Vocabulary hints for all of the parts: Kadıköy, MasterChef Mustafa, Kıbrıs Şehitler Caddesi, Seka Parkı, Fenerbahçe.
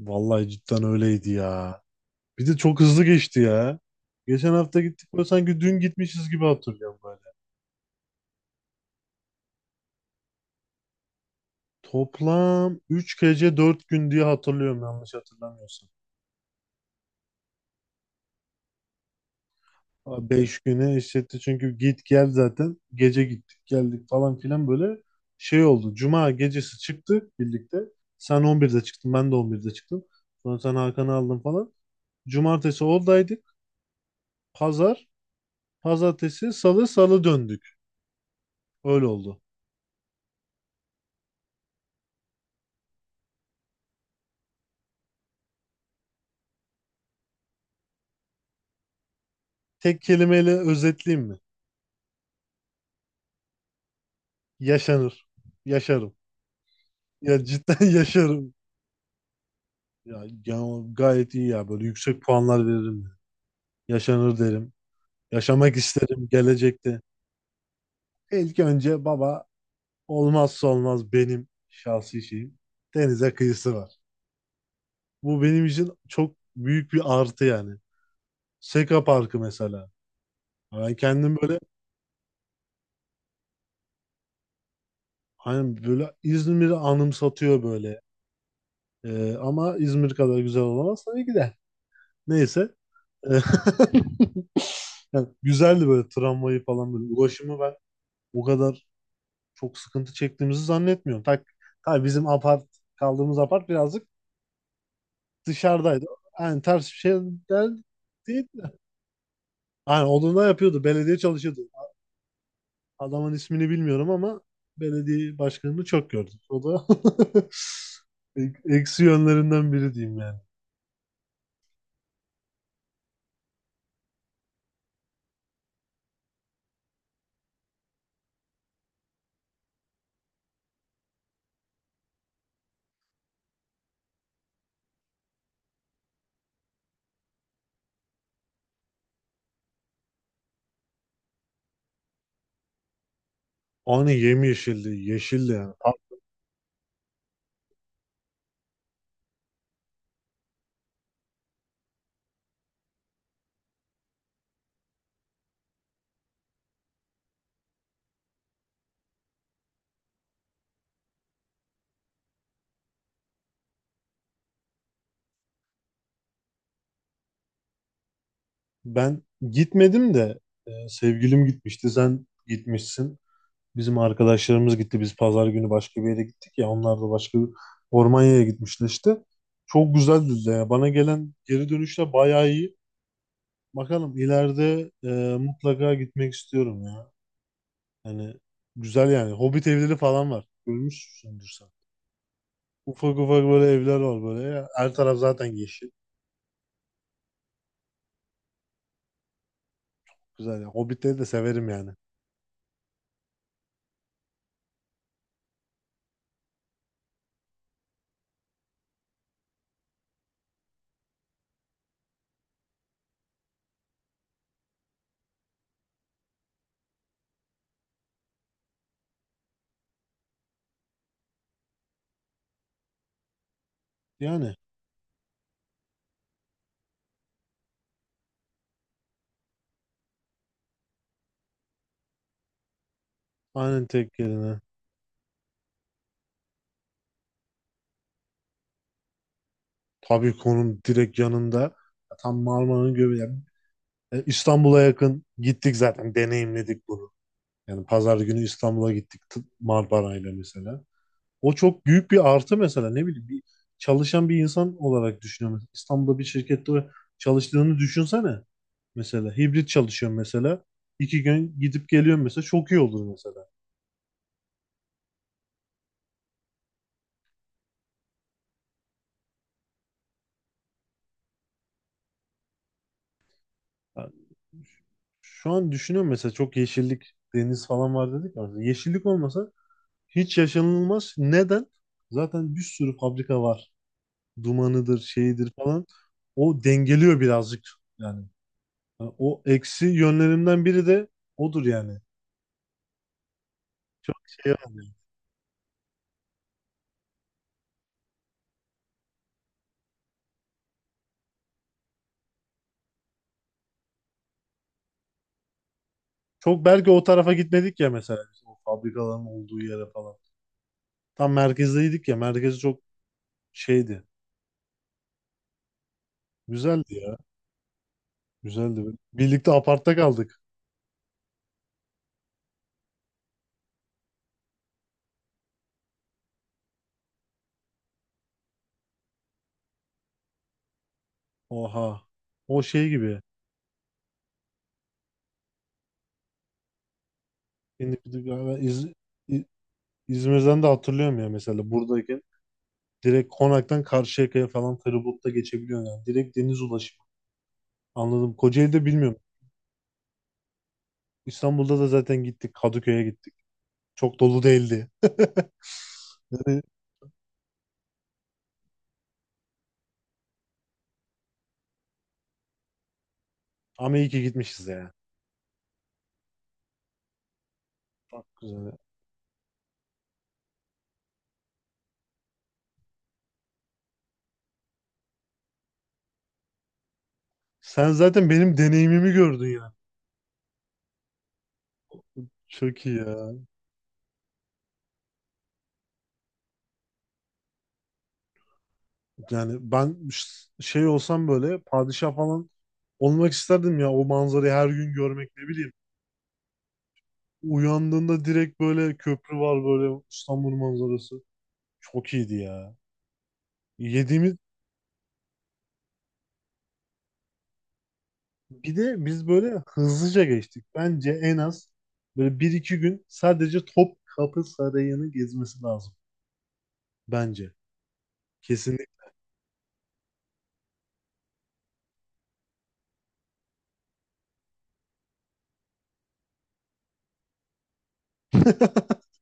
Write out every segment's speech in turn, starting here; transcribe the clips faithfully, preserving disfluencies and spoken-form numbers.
Vallahi cidden öyleydi ya. Bir de çok hızlı geçti ya. Geçen hafta gittik böyle sanki dün gitmişiz gibi hatırlıyorum böyle. Toplam üç gece dört gün diye hatırlıyorum yanlış hatırlamıyorsam. Beş güne eşitti çünkü git gel zaten. Gece gittik geldik falan filan böyle şey oldu. Cuma gecesi çıktık birlikte. Sen on birde çıktın ben de on birde çıktım. Sonra sen Hakan'ı aldın falan. Cumartesi oradaydık. Pazar, pazartesi, salı, salı döndük. Öyle oldu. Tek kelimeyle özetleyeyim mi? Yaşanır. Yaşarım. Ya cidden yaşarım. Ya, ya gayet iyi ya. Böyle yüksek puanlar veririm. Yaşanır derim. Yaşamak isterim gelecekte. İlk önce baba olmazsa olmaz benim şahsi şeyim. Denize kıyısı var. Bu benim için çok büyük bir artı yani. Seka Parkı mesela. Ben kendim böyle hani böyle İzmir'i anımsatıyor böyle. Ee, ama İzmir kadar güzel olamaz tabii ki de. Neyse. E, Yani güzeldi böyle tramvayı falan böyle. Ulaşımı ben o kadar çok sıkıntı çektiğimizi zannetmiyorum. Tak, ha bizim apart kaldığımız apart birazcık dışarıdaydı. Yani ters bir şeyler değil değil de. Yani onu da yapıyordu. Belediye çalışıyordu. Adamın ismini bilmiyorum ama belediye başkanını çok gördük. O da e- eksi yönlerinden biri diyeyim yani. Aynı yemyeşildi, yeşildi yani. Ben gitmedim de e, sevgilim gitmişti. Sen gitmişsin. Bizim arkadaşlarımız gitti. Biz pazar günü başka bir yere gittik ya. Onlar da başka bir Ormanya'ya gitmişler işte. Çok güzeldi de ya. Bana gelen geri dönüşler bayağı iyi. Bakalım ileride e, mutlaka gitmek istiyorum ya. Yani güzel yani. Hobbit evleri falan var. Görmüşsündür sen. Ufak ufak böyle evler var böyle. Ya. Her taraf zaten yeşil. Güzel ya. Hobbitleri de severim yani. Yani aynen tek yerine. Tabikon'un direkt yanında. Tam Marmara'nın göbeği. Yani e, İstanbul'a yakın gittik zaten. Deneyimledik bunu. Yani pazar günü İstanbul'a gittik t- Marmara'yla mesela. O çok büyük bir artı mesela. Ne bileyim bir çalışan bir insan olarak düşünüyorum. İstanbul'da bir şirkette çalıştığını düşünsene. Mesela hibrit çalışıyorum mesela. iki gün gidip geliyorum mesela. Çok iyi olur mesela. Yani şu an düşünüyorum mesela çok yeşillik, deniz falan var dedik ya. Yeşillik olmasa hiç yaşanılmaz. Neden? Zaten bir sürü fabrika var. Dumanıdır, şeyidir falan. O dengeliyor birazcık yani. Yani o eksi yönlerimden biri de odur yani. Şey yani. Çok belki o tarafa gitmedik ya mesela biz o fabrikaların olduğu yere falan. Tam merkezdeydik ya. Merkez çok şeydi. Güzeldi ya. Güzeldi. Birlikte apartta kaldık. Oha. O şey gibi. Şimdi bir de galiba İz- İ- İzmir'den de hatırlıyorum ya mesela buradayken. Direkt Konak'tan Karşıyaka'ya falan feribotla geçebiliyorsun yani. Direkt deniz ulaşımı. Anladım. Kocaeli'de bilmiyorum. İstanbul'da da zaten gittik. Kadıköy'e gittik. Çok dolu değildi. Yani, ama iyi ki gitmişiz ya. Çok güzel ya. Sen zaten benim deneyimimi gördün ya. Çok iyi ya. Yani ben ş- şey olsam böyle padişah falan olmak isterdim ya. O manzarayı her gün görmek ne bileyim. Uyandığında direkt böyle köprü var böyle İstanbul manzarası. Çok iyiydi ya. Yediğimiz Bir de biz böyle hızlıca geçtik. Bence en az böyle bir iki gün sadece Topkapı Sarayı'nı gezmesi lazım. Bence. Kesinlikle.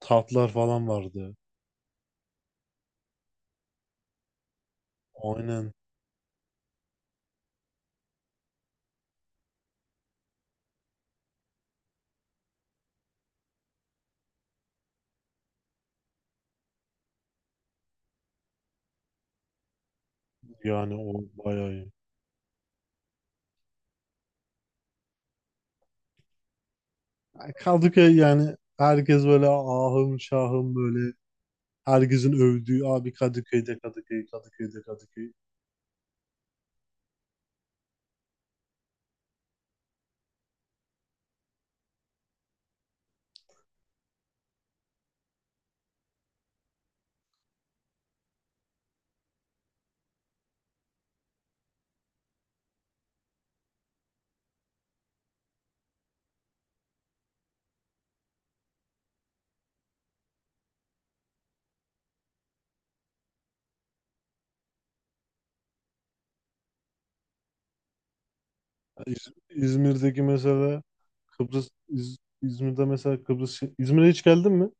Tatlar falan vardı. Aynen. Yani o bayağı iyi. Yani Kadıköy yani herkes böyle ahım şahım böyle herkesin övdüğü abi Kadıköy'de Kadıköy, Kadıköy'de Kadıköy. İz- İzmir'deki mesela Kıbrıs İz- İzmir'de mesela Kıbrıs İzmir'e hiç geldin mi?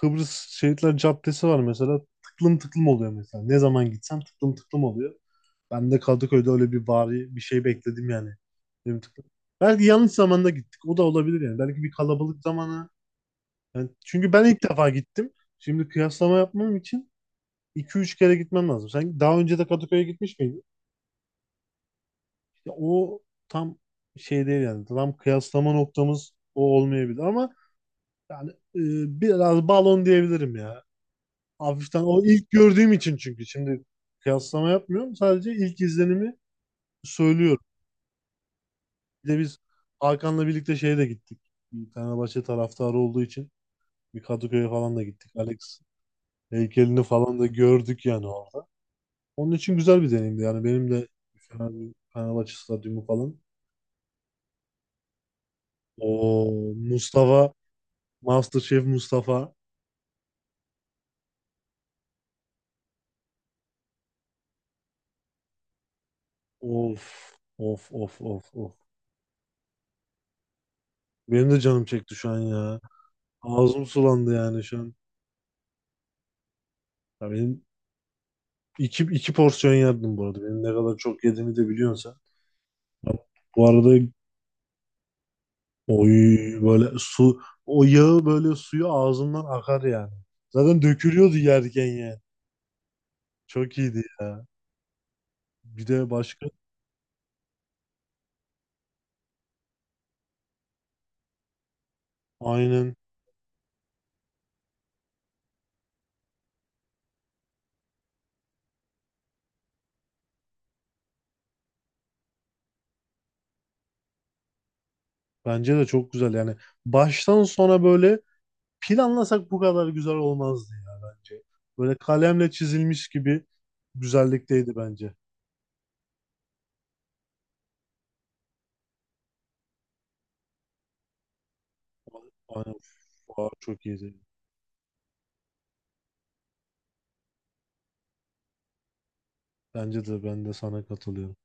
Kıbrıs Şehitler Caddesi var mesela. Tıklım tıklım oluyor mesela. Ne zaman gitsem tıklım tıklım oluyor. Ben de Kadıköy'de öyle bir bari bir şey bekledim yani. Benim tıklım. Belki yanlış zamanda gittik. O da olabilir yani. Belki bir kalabalık zamanı. Yani çünkü ben ilk defa gittim. Şimdi kıyaslama yapmam için iki üç kere gitmem lazım. Sen daha önce de Kadıköy'e gitmiş miydin? Ya o tam şey değil yani. Tam kıyaslama noktamız o olmayabilir ama yani e, biraz balon diyebilirim ya. Hafiften o ilk gördüğüm için çünkü şimdi kıyaslama yapmıyorum. Sadece ilk izlenimi söylüyorum. Bir de biz Hakan'la birlikte şeye de gittik. Bir Fenerbahçe taraftarı olduğu için bir Kadıköy'e falan da gittik. Alex heykelini falan da gördük yani orada. Onun için güzel bir deneyimdi. Yani benim de Fener- Fenerbahçe stadyumu falan. O Mustafa, MasterChef Mustafa. Of, of, of, of, of. Benim de canım çekti şu an ya. Ağzım sulandı yani şu an. Ya benim İki, iki porsiyon yerdim bu arada. Benim ne kadar çok yediğimi de biliyorsun sen. Ben bu arada oy böyle su o yağı böyle suyu ağzımdan akar yani. Zaten dökülüyordu yerken yani. Çok iyiydi ya. Bir de başka aynen bence de çok güzel yani. Baştan sona böyle planlasak bu kadar güzel olmazdı ya bence. Böyle kalemle çizilmiş gibi güzellikteydi bence. Aynen. Aa, çok iyiydi. Bence de ben de sana katılıyorum.